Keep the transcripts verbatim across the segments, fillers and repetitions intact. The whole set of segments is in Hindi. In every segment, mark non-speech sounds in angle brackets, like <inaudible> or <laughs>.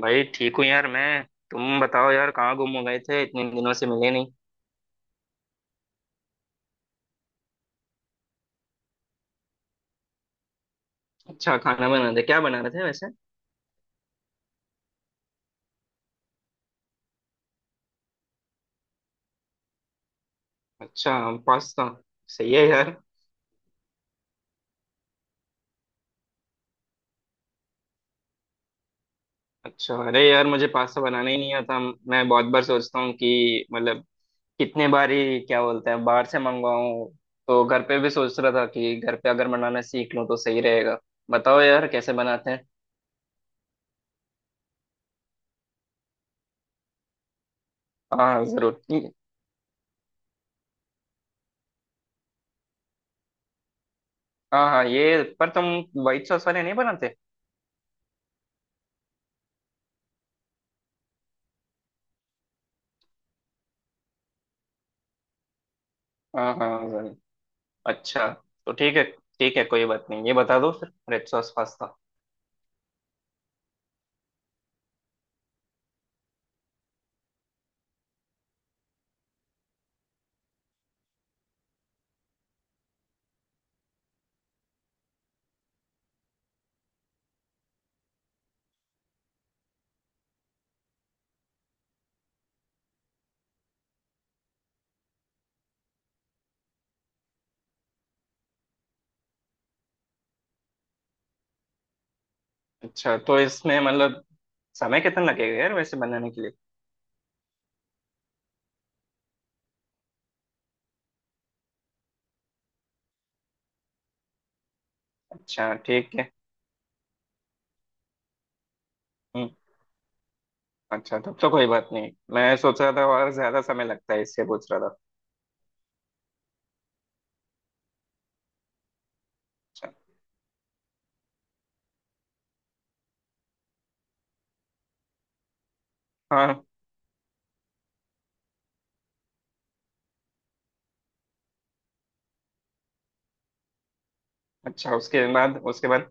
भाई ठीक हूँ यार मैं। तुम बताओ यार कहाँ गुम हो गए थे इतने दिनों से मिले नहीं। अच्छा, खाना बना रहे, क्या बना रहे थे वैसे? अच्छा। पास्ता। सही है यार। अच्छा। अरे यार, मुझे पास्ता बनाना ही नहीं आता। मैं बहुत बार सोचता हूँ कि मतलब कितने बार ही क्या बोलते हैं, बाहर से मंगवाऊँ। तो घर पे भी सोच रहा था कि घर पे अगर बनाना सीख लूँ तो सही रहेगा। बताओ यार कैसे बनाते हैं। हाँ हाँ, जरूर। हाँ हाँ, ये पर तुम व्हाइट सॉस वाले नहीं बनाते? हाँ हाँ। अच्छा तो ठीक है। ठीक है कोई बात नहीं, ये बता दो फिर रेड सॉस पास्ता। अच्छा तो इसमें मतलब समय कितना लगेगा यार वैसे बनाने के लिए? अच्छा ठीक है। हम्म। अच्छा तब तो कोई बात नहीं, मैं सोच रहा था और ज्यादा समय लगता है इससे पूछ रहा था। अच्छा हाँ। अच्छा, उसके बाद? उसके बाद?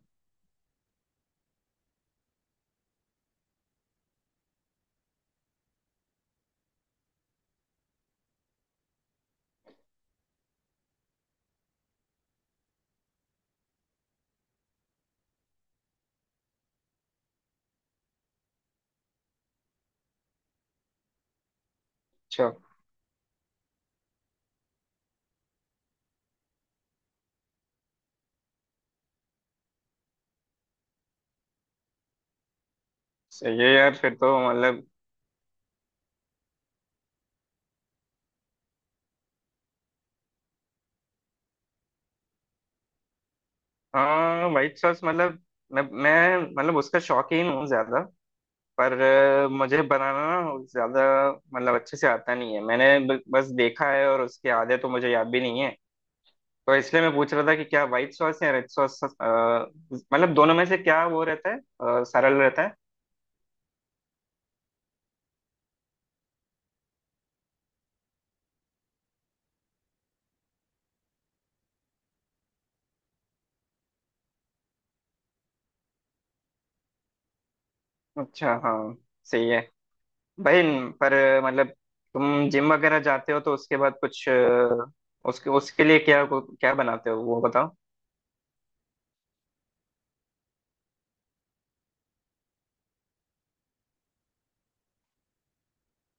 अच्छा सही है यार फिर तो मतलब। हाँ, व्हाइट सॉस मतलब मैं मैं मतलब उसका शौकीन हूँ ज्यादा। पर अ, मुझे बनाना ना ज्यादा, मतलब अच्छे से आता नहीं है। मैंने ब- बस देखा है और उसके आधे तो मुझे याद भी नहीं है। तो इसलिए मैं पूछ रहा था कि क्या व्हाइट सॉस या रेड सॉस मतलब दोनों में से क्या वो रहता है, अ, सरल रहता है? अच्छा हाँ, सही है भाई। पर अ, मतलब, तुम जिम वगैरह जाते हो तो उसके बाद कुछ अ, उसके उसके लिए क्या क्या बनाते हो वो बताओ।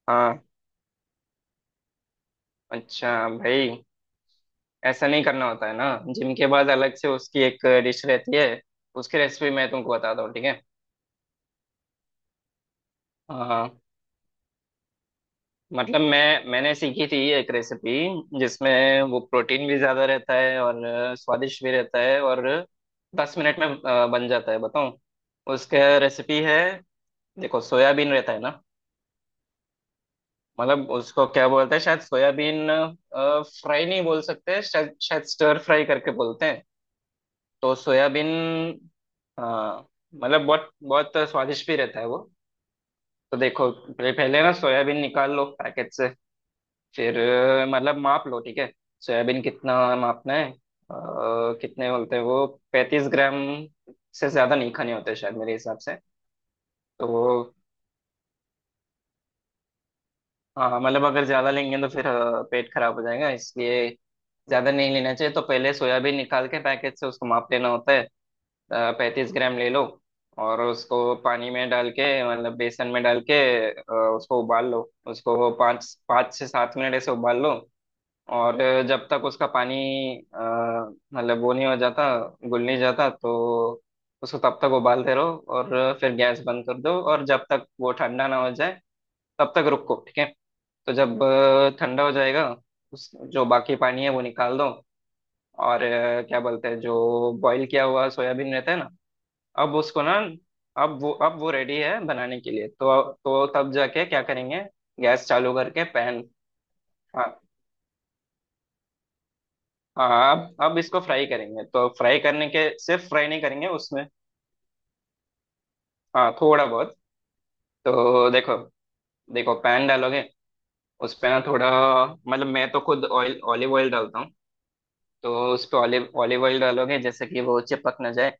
हाँ। अच्छा भाई। ऐसा नहीं करना होता है ना, जिम के बाद अलग से उसकी एक डिश रहती है। उसकी रेसिपी मैं तुमको बताता हूँ, ठीक है। हाँ, मतलब मैं मैंने सीखी थी एक रेसिपी जिसमें वो प्रोटीन भी ज्यादा रहता है और स्वादिष्ट भी रहता है और दस मिनट में अ, बन जाता है, बताऊँ? उसका रेसिपी है। देखो सोयाबीन रहता है ना। मतलब उसको क्या बोलते हैं शायद, सोयाबीन फ्राई नहीं बोल सकते शायद शायद स्टर फ्राई करके बोलते हैं। तो सोयाबीन। हाँ, मतलब बहुत बहुत स्वादिष्ट भी रहता है वो। तो देखो, पहले पहले ना सोयाबीन निकाल लो पैकेट से। फिर अ, मतलब माप लो, ठीक है। सोयाबीन कितना मापना है? अ, कितने बोलते हैं वो? पैंतीस ग्राम से ज्यादा नहीं खाने होते शायद मेरे हिसाब से तो। हाँ हाँ, मतलब अगर ज्यादा लेंगे तो फिर अ, पेट खराब हो जाएगा, इसलिए ज्यादा नहीं लेना चाहिए। तो पहले सोयाबीन निकाल के पैकेट से उसको माप लेना होता है, पैंतीस ग्राम ले लो। और उसको पानी में डाल के मतलब बेसन में डाल के अ, उसको उबाल लो। उसको वो पाँच पाँच से सात मिनट ऐसे उबाल लो। और जब तक उसका पानी अ, मतलब वो नहीं हो जाता, गुल नहीं जाता, तो उसको तब तक उबालते रहो और फिर गैस बंद कर दो और जब तक वो ठंडा ना हो जाए तब तक रुको, ठीक है। तो जब अ, ठंडा हो जाएगा, उस जो बाकी पानी है वो निकाल दो। और अ, क्या बोलते हैं, जो बॉईल किया हुआ सोयाबीन रहता है ना, अब उसको ना, अब वो अब वो रेडी है बनाने के लिए। तो तो तब जाके क्या करेंगे? गैस चालू करके पैन। हाँ हाँ, अब अब इसको फ्राई करेंगे तो फ्राई करने के, सिर्फ फ्राई नहीं करेंगे उसमें। हाँ थोड़ा बहुत। तो देखो देखो पैन डालोगे, उस पे ना थोड़ा मतलब मैं तो खुद ऑयल ऑलिव ऑयल डालता हूँ। तो उस पे ऑलिव ऑलिव ऑयल डालोगे जैसे कि वो चिपक ना जाए,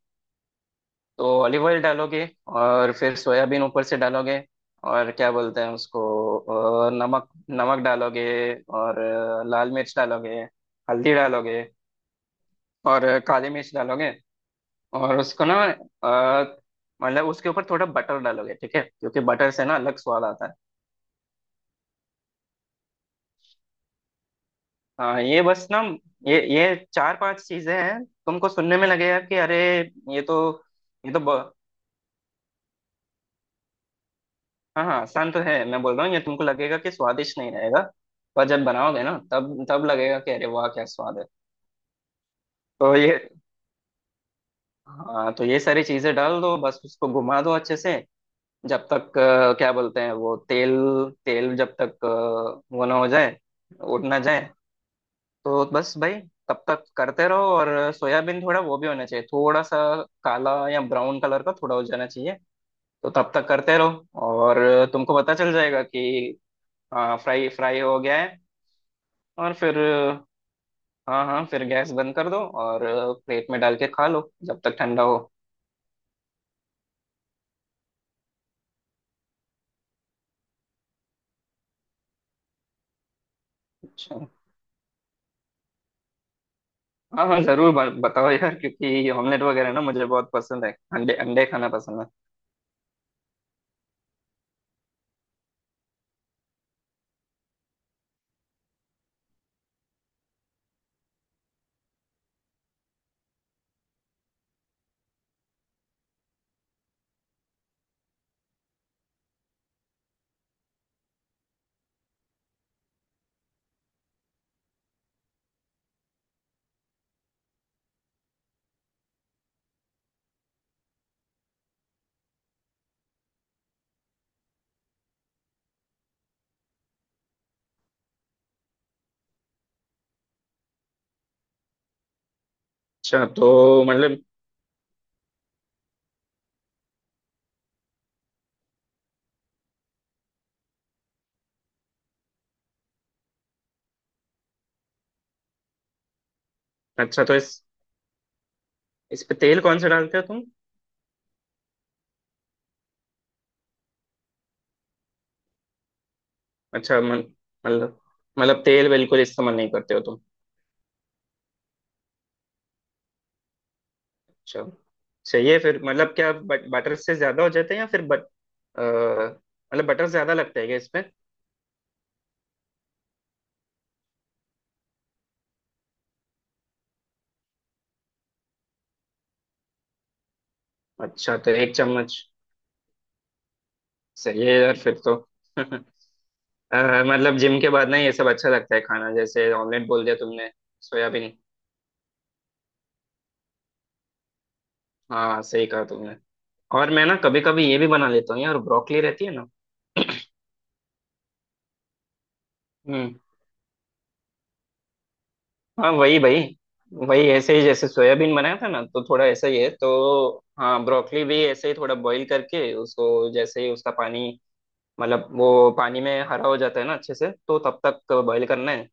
तो ऑलिव ऑयल डालोगे। और फिर सोयाबीन ऊपर से डालोगे। और क्या बोलते हैं उसको, अ, नमक नमक डालोगे और अ, लाल मिर्च डालोगे, हल्दी डालोगे और अ, काली मिर्च डालोगे। और उसको ना अ, मतलब उसके ऊपर थोड़ा बटर डालोगे, ठीक है, क्योंकि बटर से ना अलग स्वाद आता है। हाँ ये बस ना, ये ये चार पांच चीजें हैं, तुमको सुनने में लगेगा कि अरे ये तो ये तो ब- हाँ हाँ, आसान तो है, मैं बोल रहा हूँ ये तुमको लगेगा कि स्वादिष्ट नहीं रहेगा, पर जब बनाओगे ना, तब तब लगेगा कि अरे वाह, क्या स्वाद है। तो ये। हाँ, तो ये सारी चीजें डाल दो, बस उसको घुमा दो अच्छे से जब तक अ, क्या बोलते हैं वो तेल तेल जब तक अ, वो ना हो जाए, उड़ ना जाए। तो बस भाई तब तक करते रहो और सोयाबीन थोड़ा वो भी होना चाहिए, थोड़ा सा काला या ब्राउन कलर का थोड़ा हो जाना चाहिए। तो तब तक करते रहो और तुमको पता चल जाएगा कि हाँ, फ्राई फ्राई हो गया है। और फिर हाँ हाँ, फिर गैस बंद कर दो और प्लेट में डाल के खा लो जब तक ठंडा हो। अच्छा हाँ हाँ जरूर, ब- बताओ यार, क्योंकि ये ऑमलेट वगैरह ना मुझे बहुत पसंद है। अंडे अंडे खाना पसंद है। अच्छा तो मतलब। अच्छा तो इस इस पे तेल कौन सा डालते हो तुम? अच्छा, मन- मतलब मतलब तेल बिल्कुल इस्तेमाल नहीं करते हो तुम? अच्छा, चाहिए फिर मतलब क्या, बट, बटर से ज्यादा हो जाते हैं, या फिर बट अ, मतलब बटर ज्यादा लगता है क्या इसमें? अच्छा तो एक चम्मच सही है यार फिर तो। <laughs> अ, मतलब जिम के बाद ना ये सब अच्छा लगता है खाना, जैसे ऑमलेट बोल दिया तुमने। सोयाबीन। हाँ, सही कहा तुमने। और मैं ना कभी कभी ये भी बना लेता हूँ यार, ब्रोकली रहती है ना। हम्म। हाँ वही भाई। वही ऐसे ही, जैसे सोयाबीन बनाया था ना, तो थोड़ा ऐसा ही है तो। हाँ ब्रोकली भी ऐसे ही थोड़ा बॉईल करके उसको, जैसे ही उसका पानी मतलब वो पानी में हरा हो जाता है ना अच्छे से, तो तब तक बॉईल करना है।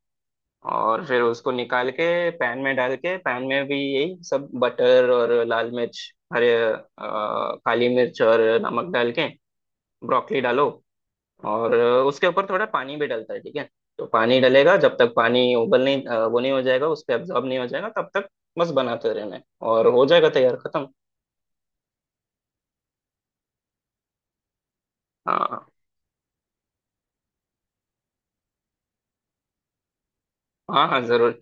और फिर उसको निकाल के पैन में डाल के, पैन में भी यही सब बटर और लाल मिर्च, हरे अ, काली मिर्च और नमक डाल के ब्रोकली डालो और उसके ऊपर थोड़ा पानी भी डलता है, ठीक है। तो पानी डलेगा, जब तक पानी उबल नहीं, अ, वो नहीं हो जाएगा, उस पर एब्जॉर्ब नहीं हो जाएगा तब तक बस बनाते रहना है और हो जाएगा तैयार, खत्म। हाँ हाँ हाँ, जरूर।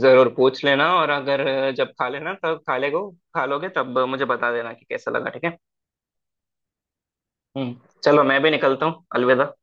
जरूर पूछ लेना, और अगर जब खा लेना तब खा लेगो, खा लोगे तब मुझे बता देना कि कैसा लगा, ठीक है। हम्म। चलो मैं भी निकलता हूँ, अलविदा।